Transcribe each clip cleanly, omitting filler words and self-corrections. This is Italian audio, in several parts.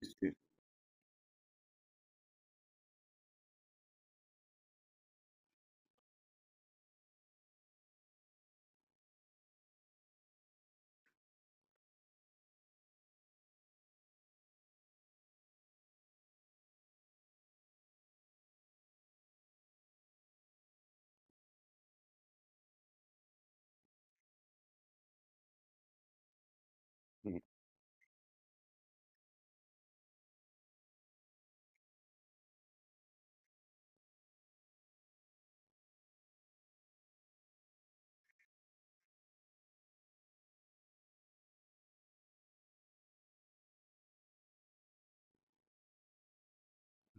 Sì, sì. mm,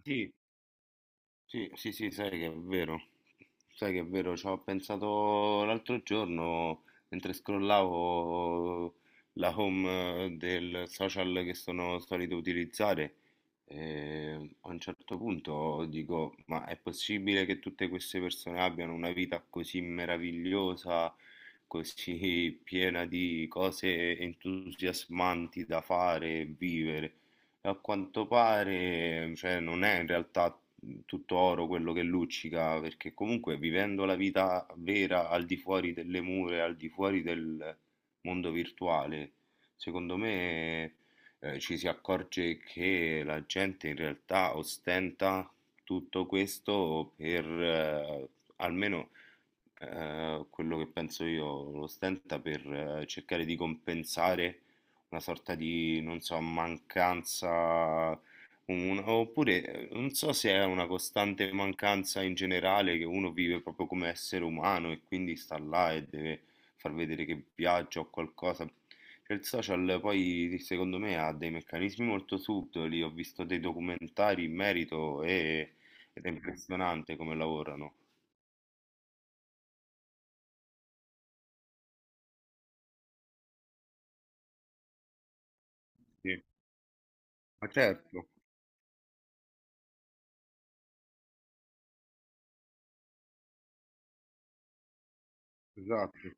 sì, sì, sì, Sì, sai che è vero, sai che è vero, ci ho pensato l'altro giorno mentre scrollavo la home del social che sono solito utilizzare, e a un certo punto dico, ma è possibile che tutte queste persone abbiano una vita così meravigliosa, così piena di cose entusiasmanti da fare e vivere? A quanto pare, cioè, non è in realtà tutto oro quello che luccica, perché comunque vivendo la vita vera al di fuori delle mura, al di fuori del mondo virtuale, secondo me, ci si accorge che la gente in realtà ostenta tutto questo per, almeno quello che penso io lo stenta per cercare di compensare una sorta di, non so, mancanza, oppure non so se è una costante mancanza in generale che uno vive proprio come essere umano, e quindi sta là e deve far vedere che viaggia o qualcosa. Cioè, il social poi secondo me ha dei meccanismi molto subdoli, ho visto dei documentari in merito, ed è impressionante come lavorano. Sì. Ma certo. Esatto,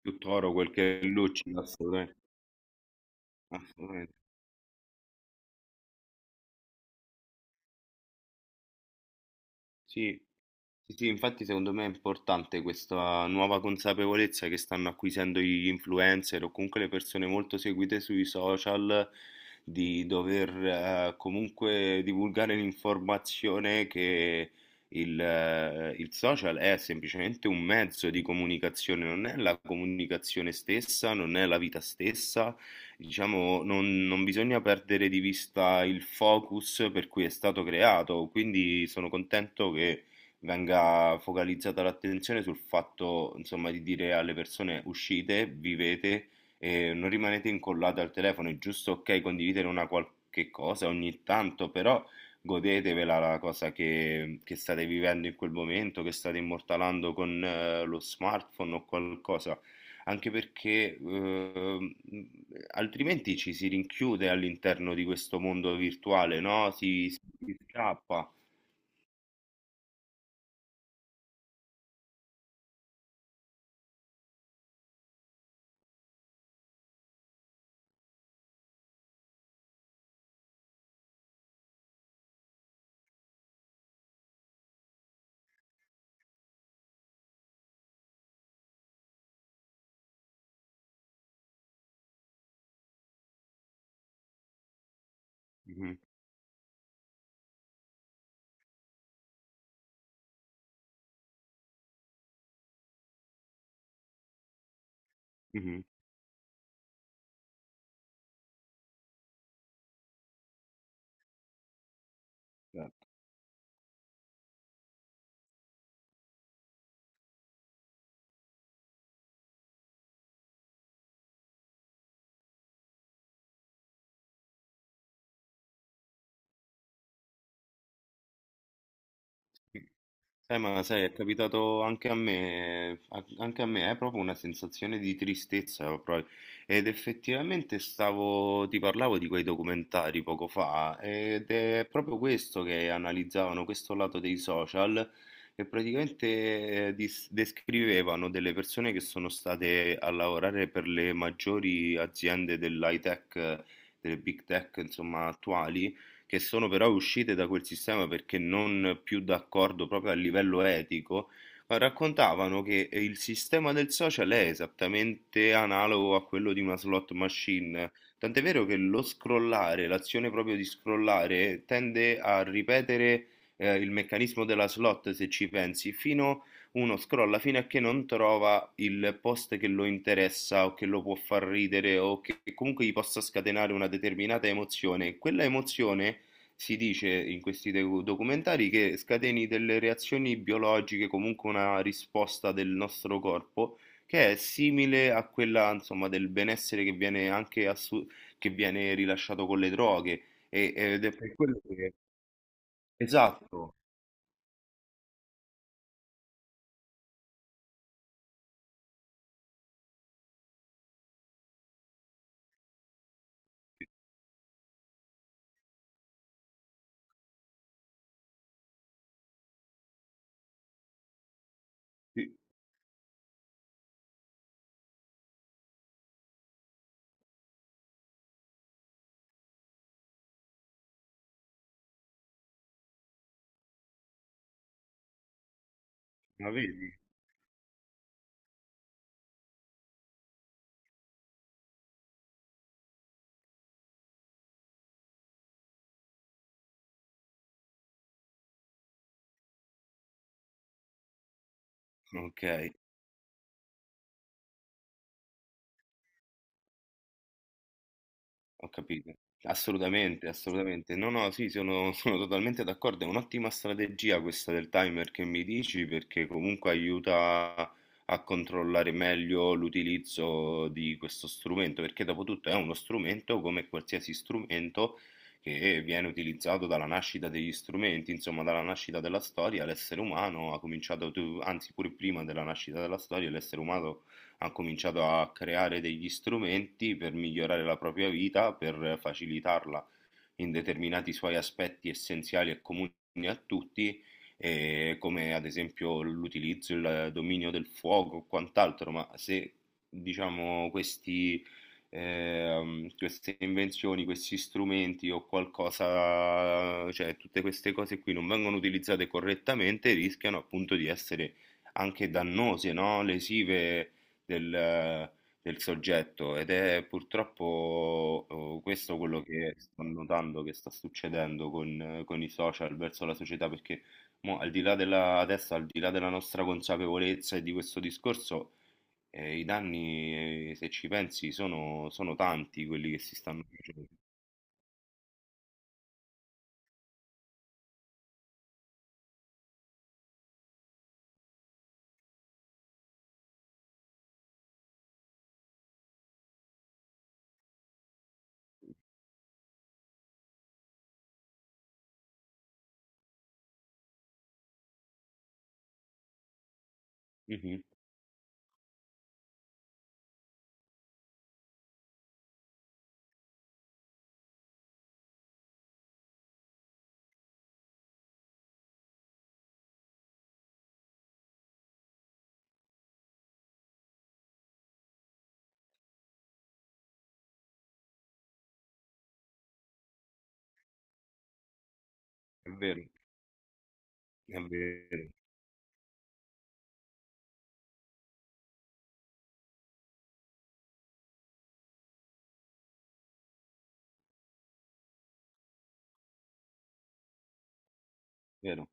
più toro quel che luccica, assolutamente, assolutamente. sì, sì, sì, infatti secondo me è importante questa nuova consapevolezza che stanno acquisendo gli influencer o comunque le persone molto seguite sui social, di dover comunque divulgare l'informazione che il social è semplicemente un mezzo di comunicazione, non è la comunicazione stessa, non è la vita stessa. Diciamo, non bisogna perdere di vista il focus per cui è stato creato, quindi sono contento che venga focalizzata l'attenzione sul fatto, insomma, di dire alle persone uscite, vivete e non rimanete incollate al telefono. È giusto, ok, condividere una qualche cosa ogni tanto, però godetevela la cosa che state vivendo in quel momento, che state immortalando con lo smartphone o qualcosa. Anche perché altrimenti ci si rinchiude all'interno di questo mondo virtuale, no? Si scappa. Mhm, mhm, certo. Ma sai, è capitato anche a me, anche a me, è proprio una sensazione di tristezza, proprio. Ed effettivamente stavo, ti parlavo di quei documentari poco fa, ed è proprio questo che analizzavano, questo lato dei social, che praticamente descrivevano delle persone che sono state a lavorare per le maggiori aziende dell'high tech, delle big tech, insomma, attuali, che sono però uscite da quel sistema perché non più d'accordo proprio a livello etico, ma raccontavano che il sistema del social è esattamente analogo a quello di una slot machine. Tant'è vero che lo scrollare, l'azione proprio di scrollare, tende a ripetere il meccanismo della slot, se ci pensi, fino uno scrolla fino a che non trova il post che lo interessa o che lo può far ridere o che comunque gli possa scatenare una determinata emozione. Quella emozione, si dice in questi documentari, che scateni delle reazioni biologiche, comunque una risposta del nostro corpo che è simile a quella, insomma, del benessere che viene anche che viene rilasciato con le droghe, ed è per quello che. Esatto. Sì, ma vedi? Ok. Ho capito. Assolutamente, assolutamente. No, no, sì, sono, sono totalmente d'accordo. È un'ottima strategia questa del timer che mi dici, perché comunque aiuta a controllare meglio l'utilizzo di questo strumento, perché dopo tutto è uno strumento come qualsiasi strumento che viene utilizzato dalla nascita degli strumenti, insomma, dalla nascita della storia, l'essere umano ha cominciato, anzi pure prima della nascita della storia, l'essere umano ha cominciato a creare degli strumenti per migliorare la propria vita, per facilitarla in determinati suoi aspetti essenziali e comuni a tutti, come ad esempio l'utilizzo, il dominio del fuoco o quant'altro, ma se diciamo queste invenzioni, questi strumenti o qualcosa, cioè tutte queste cose qui non vengono utilizzate correttamente, rischiano appunto di essere anche dannose, no? Lesive del soggetto, ed è purtroppo questo quello che sto notando che sta succedendo con, i social verso la società, perché mo, al di là della, adesso al di là della nostra consapevolezza e di questo discorso, i danni se ci pensi sono, tanti quelli che si stanno facendo. Mhm, è vero, è vero, è vero,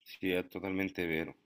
sì, è totalmente vero.